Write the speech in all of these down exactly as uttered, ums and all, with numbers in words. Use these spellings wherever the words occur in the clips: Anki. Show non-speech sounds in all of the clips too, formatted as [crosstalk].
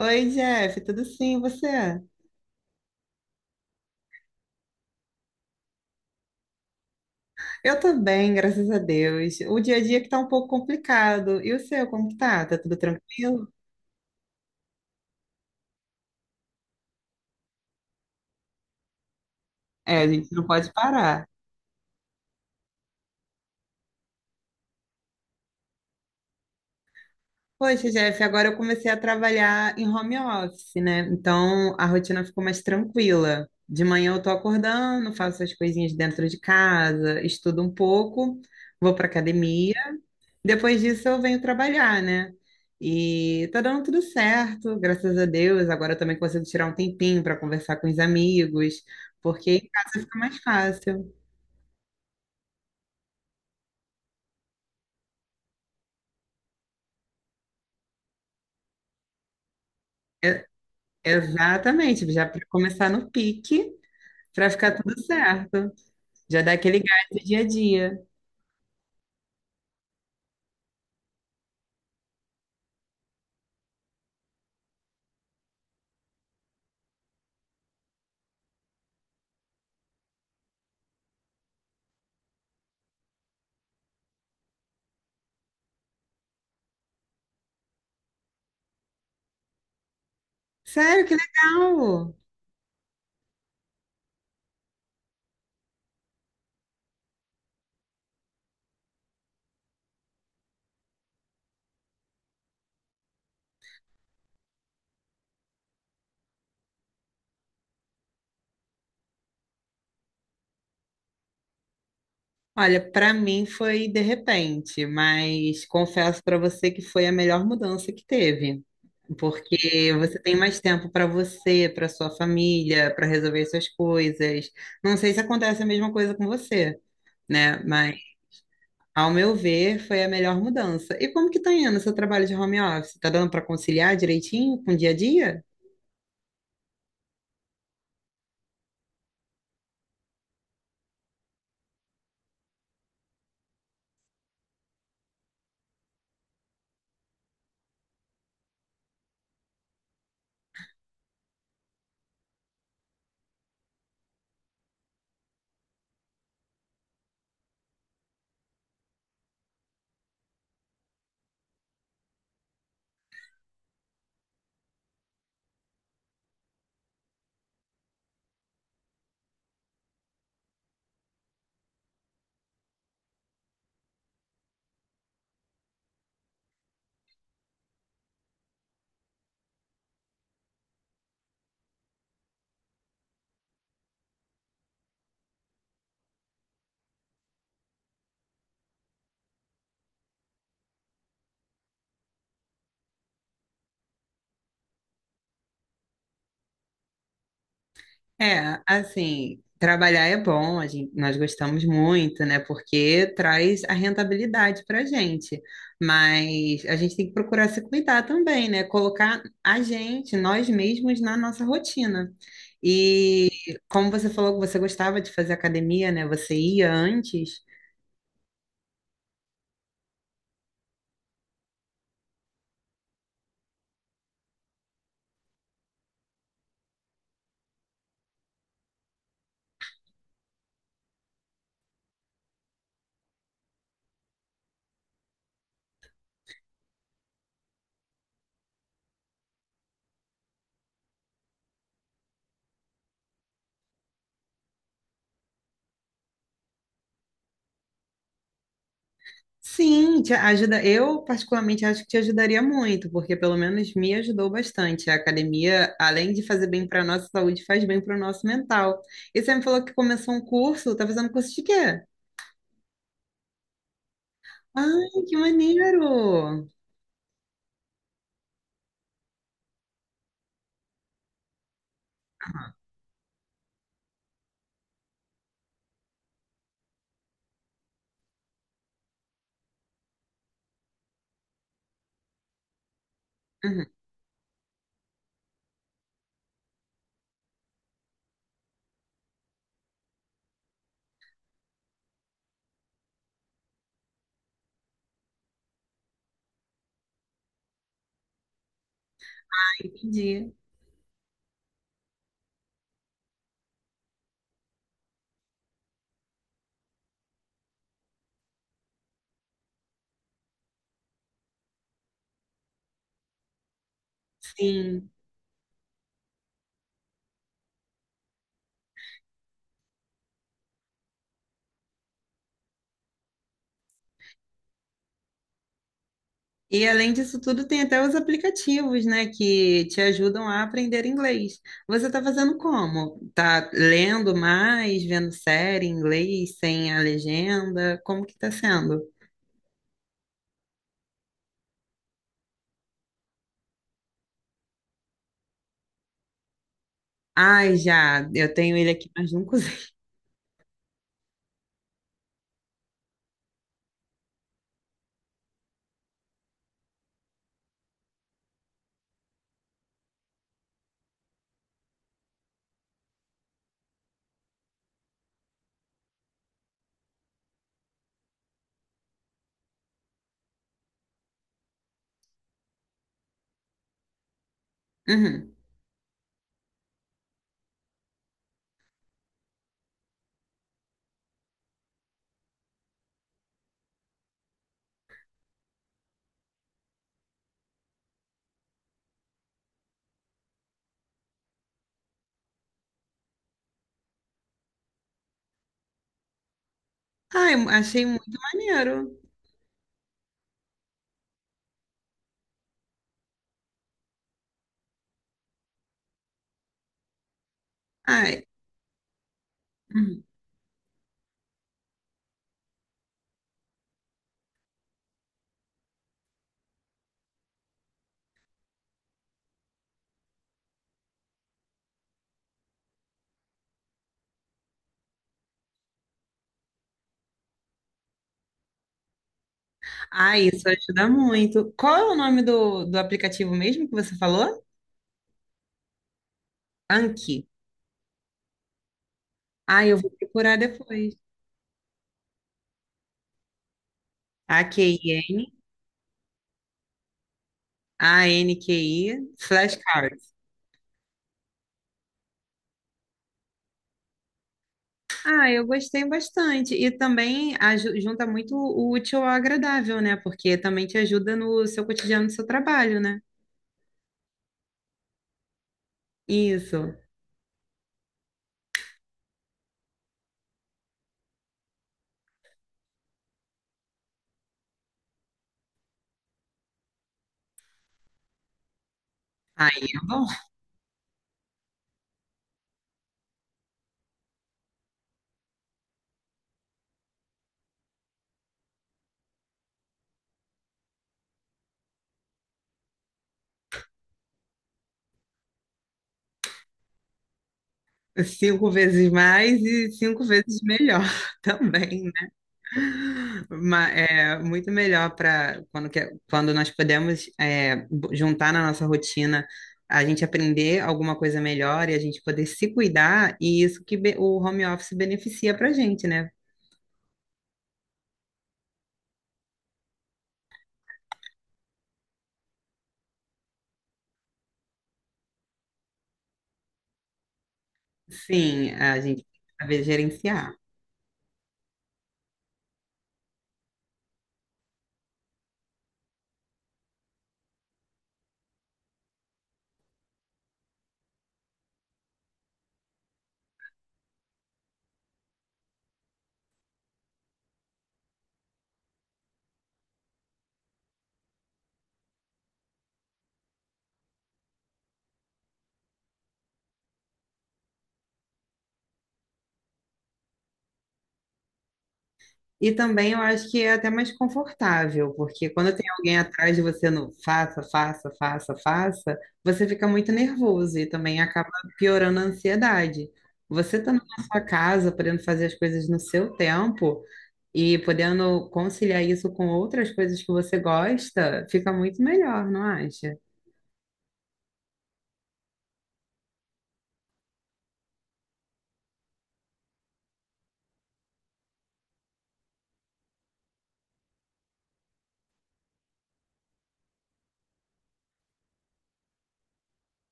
Oi, Jeff, tudo sim, e você? Eu tô bem, graças a Deus. O dia a dia que tá um pouco complicado. E o seu, como que tá? Tá tudo tranquilo? É, a gente não pode parar. Poxa, Jeff, agora eu comecei a trabalhar em home office, né? Então a rotina ficou mais tranquila. De manhã eu tô acordando, faço as coisinhas dentro de casa, estudo um pouco, vou pra academia. Depois disso eu venho trabalhar, né? E tá dando tudo certo, graças a Deus. Agora eu também consigo tirar um tempinho para conversar com os amigos, porque em casa fica mais fácil. É- Exatamente, já para começar no pique, para ficar tudo certo. Já dá aquele gás do dia a dia. Sério, que legal! Olha, para mim foi de repente, mas confesso para você que foi a melhor mudança que teve, porque você tem mais tempo para você, para sua família, para resolver suas coisas. Não sei se acontece a mesma coisa com você, né? Mas ao meu ver, foi a melhor mudança. E como que tá indo o seu trabalho de home office? Tá dando para conciliar direitinho com o dia a dia? É, assim, trabalhar é bom, a gente, nós gostamos muito, né? Porque traz a rentabilidade para gente. Mas a gente tem que procurar se cuidar também, né? Colocar a gente, nós mesmos, na nossa rotina. E como você falou que você gostava de fazer academia, né? Você ia antes. Sim, te ajuda. Eu particularmente acho que te ajudaria muito, porque pelo menos me ajudou bastante. A academia, além de fazer bem para a nossa saúde, faz bem para o nosso mental. E você me falou que começou um curso, tá fazendo curso de quê? Ai, que maneiro! Uhum, entendi. Sim. E além disso tudo, tem até os aplicativos, né, que te ajudam a aprender inglês. Você está fazendo como? Tá lendo mais, vendo série em inglês sem a legenda? Como que tá sendo? Ai, já, eu tenho ele aqui, mas não usei. Uhum. Ai, achei muito maneiro. Ai, uhum. Ai, isso ajuda muito. Qual é o nome do, do aplicativo mesmo que você falou? Anki. Ai, eu vou procurar depois. A Q I N, A N Q I, flashcards. Ah, eu gostei bastante. E também aju- junta muito o útil ao agradável, né? Porque também te ajuda no seu cotidiano, no seu trabalho, né? Isso. Aí é bom. Cinco vezes mais e cinco vezes melhor [laughs] também, né? Ma- é muito melhor para quando, que- quando nós podemos é, bo- juntar na nossa rotina, a gente aprender alguma coisa melhor e a gente poder se cuidar, e isso que be- o home office beneficia para a gente, né? Sim, a gente saber gerenciar. E também eu acho que é até mais confortável, porque quando tem alguém atrás de você no faça, faça, faça, faça, você fica muito nervoso e também acaba piorando a ansiedade. Você estando na sua casa, podendo fazer as coisas no seu tempo e podendo conciliar isso com outras coisas que você gosta, fica muito melhor, não acha?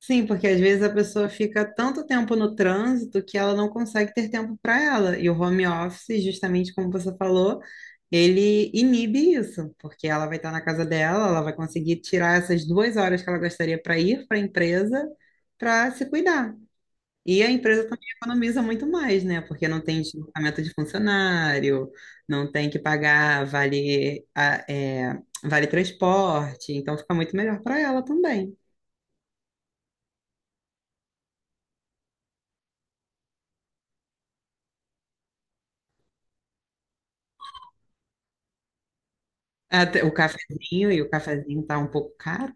Sim, porque às vezes a pessoa fica tanto tempo no trânsito que ela não consegue ter tempo para ela. E o home office, justamente como você falou, ele inibe isso, porque ela vai estar na casa dela, ela vai conseguir tirar essas duas horas que ela gostaria para ir para a empresa para se cuidar. E a empresa também economiza muito mais, né? Porque não tem deslocamento de funcionário, não tem que pagar vale, a- é, vale transporte, então fica muito melhor para ela também. Até o cafezinho, e o cafezinho tá um pouco caro.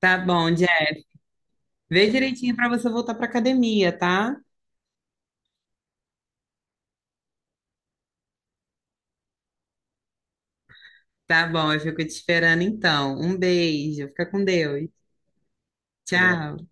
Tá bom, Jeff. Vê direitinho pra você voltar pra academia, tá? Tá bom, eu fico te esperando então. Um beijo, fica com Deus. Tá Tchau.